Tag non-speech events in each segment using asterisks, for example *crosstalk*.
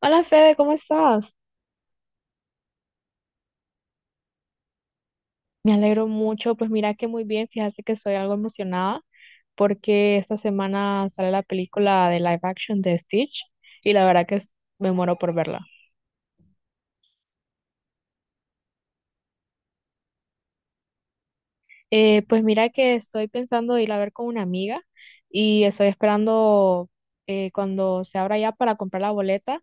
Hola Fede, ¿cómo estás? Me alegro mucho, pues mira que muy bien, fíjate que estoy algo emocionada porque esta semana sale la película de live action de Stitch y la verdad que me muero por verla. Pues mira que estoy pensando ir a ver con una amiga y estoy esperando cuando se abra ya para comprar la boleta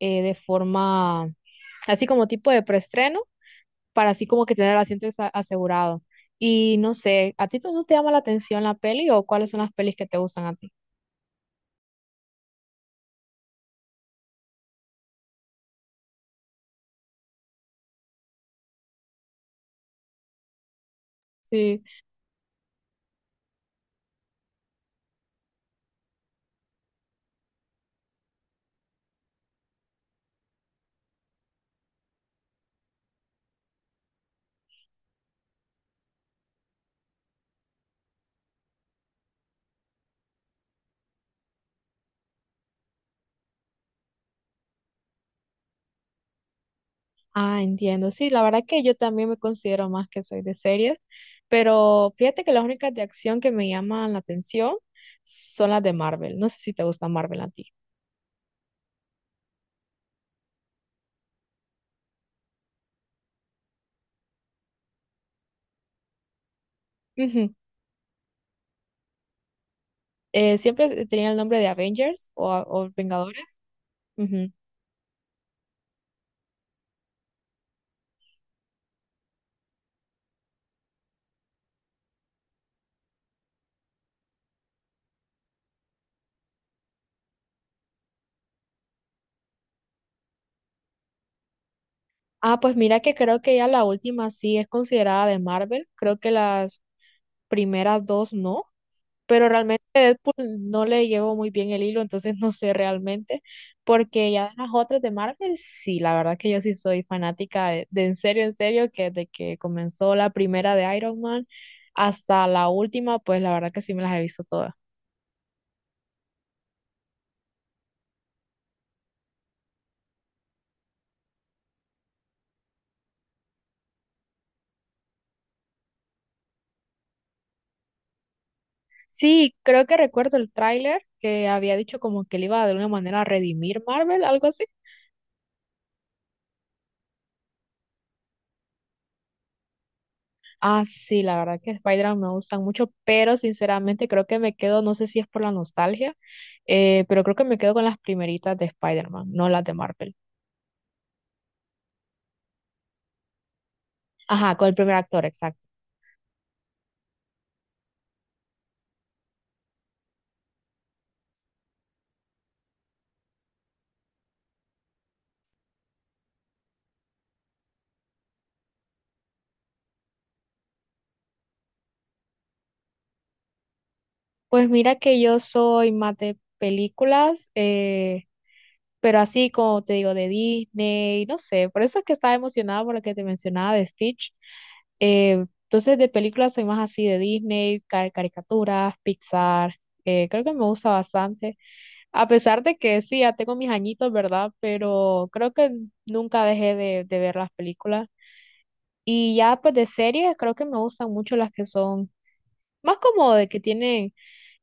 de forma así como tipo de preestreno para así como que tener el asiento asegurado. Y no sé, ¿a ti tú no te llama la atención la peli o cuáles son las pelis que te gustan a ti? Sí, ah, entiendo. Sí, la verdad que yo también me considero más que soy de series, pero fíjate que las únicas de acción que me llaman la atención son las de Marvel. No sé si te gusta Marvel a ti. Ujú. Siempre tenía el nombre de Avengers o Vengadores. Ujú. Ah, pues mira que creo que ya la última sí es considerada de Marvel. Creo que las primeras dos no. Pero realmente Deadpool no le llevo muy bien el hilo, entonces *laughs* no sé realmente, porque ya de las otras de Marvel, sí, la verdad que yo sí soy fanática de en serio, que desde que comenzó la primera de Iron Man hasta la última, pues la verdad que sí me las he visto todas. Sí, creo que recuerdo el tráiler que había dicho como que le iba de alguna manera a redimir Marvel, algo así. Ah, sí, la verdad que Spider-Man me gustan mucho, pero sinceramente creo que me quedo, no sé si es por la nostalgia, pero creo que me quedo con las primeritas de Spider-Man, no las de Marvel. Ajá, con el primer actor, exacto. Pues mira que yo soy más de películas, pero así como te digo, de Disney, no sé, por eso es que estaba emocionada por lo que te mencionaba de Stitch. Entonces, de películas soy más así de Disney, caricaturas, Pixar, creo que me gusta bastante. A pesar de que sí, ya tengo mis añitos, ¿verdad? Pero creo que nunca dejé de ver las películas. Y ya pues de series, creo que me gustan mucho las que son más como de que tienen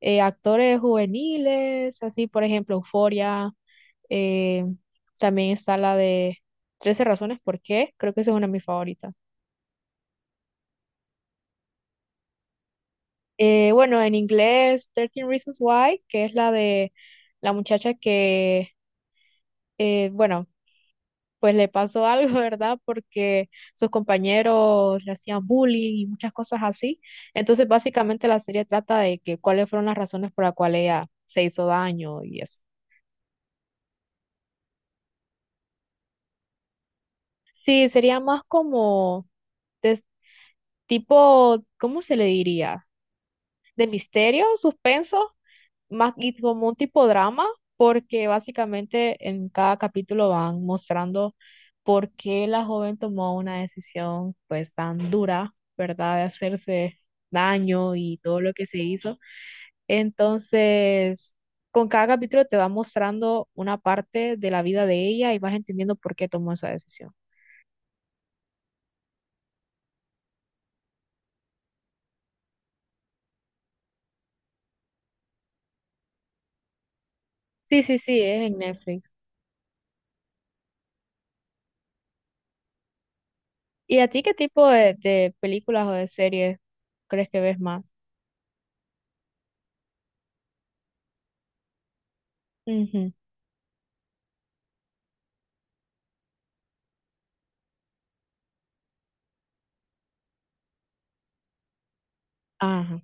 actores juveniles, así por ejemplo Euphoria, eh, también está la de 13 razones por qué, creo que esa es una de mis favoritas. Bueno, en inglés, 13 Reasons Why, que es la de la muchacha que, bueno, pues le pasó *laughs* algo, ¿verdad? Porque sus compañeros le hacían bullying y muchas cosas así. Entonces, básicamente la serie trata de que cuáles fueron las razones por las cuales ella se hizo daño y eso. Sí, sería más como de tipo, ¿cómo se le diría? ¿De misterio, suspenso? Más y como un tipo drama, porque básicamente en cada capítulo van mostrando por qué la joven tomó una decisión pues tan dura, ¿verdad? De hacerse daño y todo lo que se hizo. Entonces, con cada capítulo te va mostrando una parte de la vida de ella y vas entendiendo por qué tomó esa decisión. Sí, sí, sí, es en Netflix. ¿Y a ti qué tipo de películas o de series crees que ves más? Ujú. Ajá.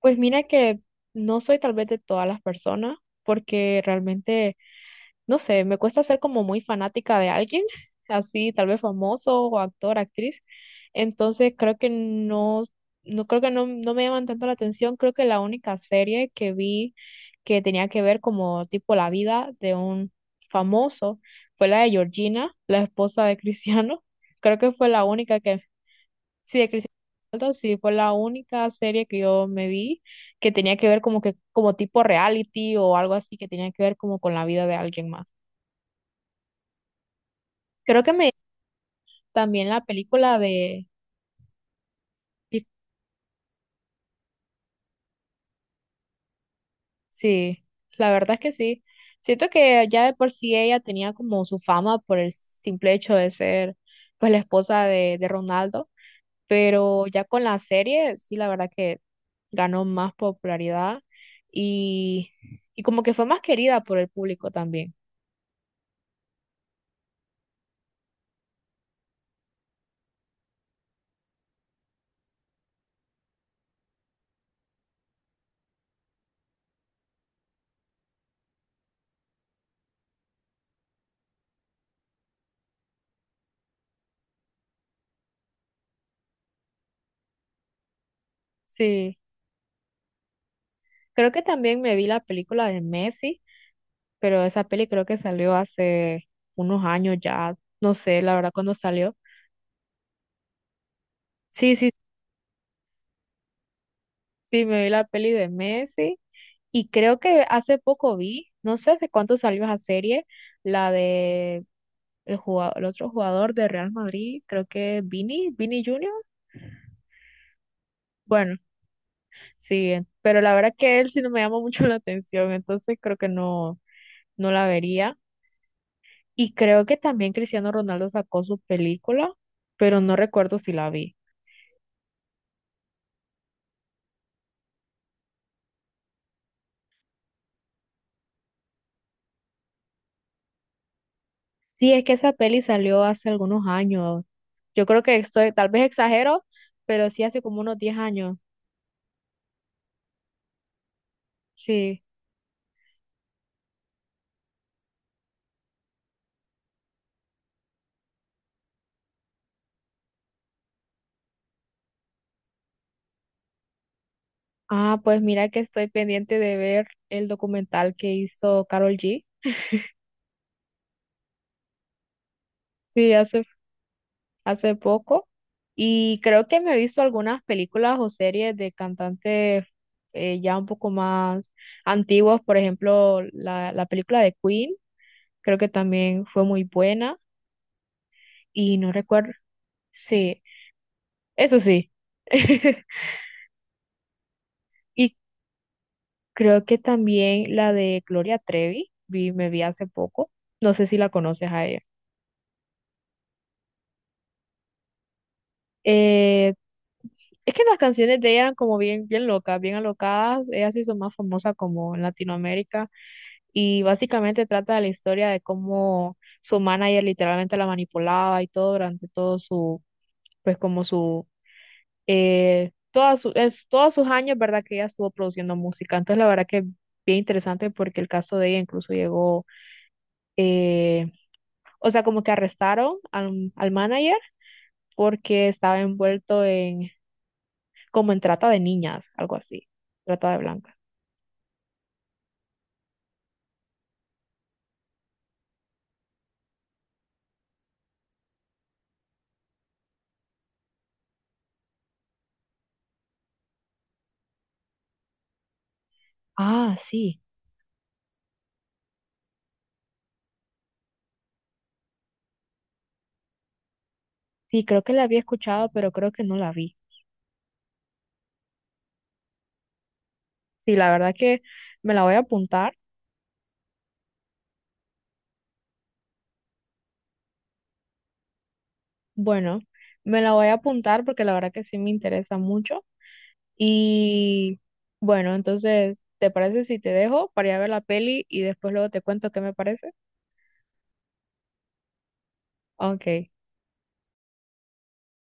Pues mira que no soy tal vez de todas las personas, porque realmente, no sé, me cuesta ser como muy fanática de alguien, *laughs* así tal vez famoso o actor, actriz. Entonces creo que no, no creo que no, no me llaman tanto la atención. Creo que la única serie que vi que tenía que ver como tipo la vida de un famoso fue la de Georgina, la esposa de Cristiano. *laughs* Creo que fue la única que sí, de Cristiano Ronaldo, sí, fue la única serie que yo me vi que tenía que ver como que como tipo reality o algo así que tenía que ver como con la vida de alguien más. Creo que me también la película de y- sí, la verdad es que sí. Siento que ya de por sí ella tenía como su fama por el simple hecho de ser pues la esposa de Ronaldo, pero ya con la serie sí la verdad que ganó más popularidad y, y como que fue más querida por el público también. Sí, creo que también me vi la película de Messi, pero esa peli creo que salió hace unos años ya, no sé, la verdad, cuándo salió. Sí, sí, sí, me vi la peli de Messi y creo que hace poco vi, no sé hace cuánto salió esa serie, la de el jugador, el otro jugador de Real Madrid, creo que Vini Junior. Bueno, sí, pero la verdad que él sí no me llama mucho *laughs* la atención, entonces creo que no, no la vería. Y creo que también Cristiano Ronaldo sacó su película, pero no recuerdo si la vi. Sí, es que esa peli salió hace algunos años. Yo creo que estoy, tal vez exagero, pero sí hace como unos 10 años. Sí. Ah, pues mira que estoy pendiente de ver el documental que hizo Carol G. Sí, hace poco. Y creo que me he visto algunas películas o series de cantantes ya un poco más antiguos. Por ejemplo, la película de Queen creo que también fue muy buena y no recuerdo, sí, eso sí. *laughs* Y creo que también la de Gloria Trevi, vi, me vi hace poco, no sé si la conoces a ella. Eh, es que las canciones de ella eran como bien, bien locas, bien alocadas, ella se hizo más famosa como en Latinoamérica y básicamente trata de la historia de cómo su manager literalmente la manipulaba y todo durante todo su, pues como su todas todos sus años, ¿verdad? Que ella estuvo produciendo música. Entonces, la verdad que bien interesante porque el caso de ella incluso llegó, eh, o sea, como que arrestaron al, al manager porque estaba envuelto en, como en trata de niñas, algo así, trata de blancas. Ah, sí, sí, creo que la había escuchado, pero creo que no la vi. Sí, la verdad que me la voy a apuntar. Bueno, me la voy a apuntar porque la verdad que sí me interesa mucho. Y bueno, entonces, ¿te parece si te dejo para ir a ver la peli y después luego te cuento qué me parece? Ok,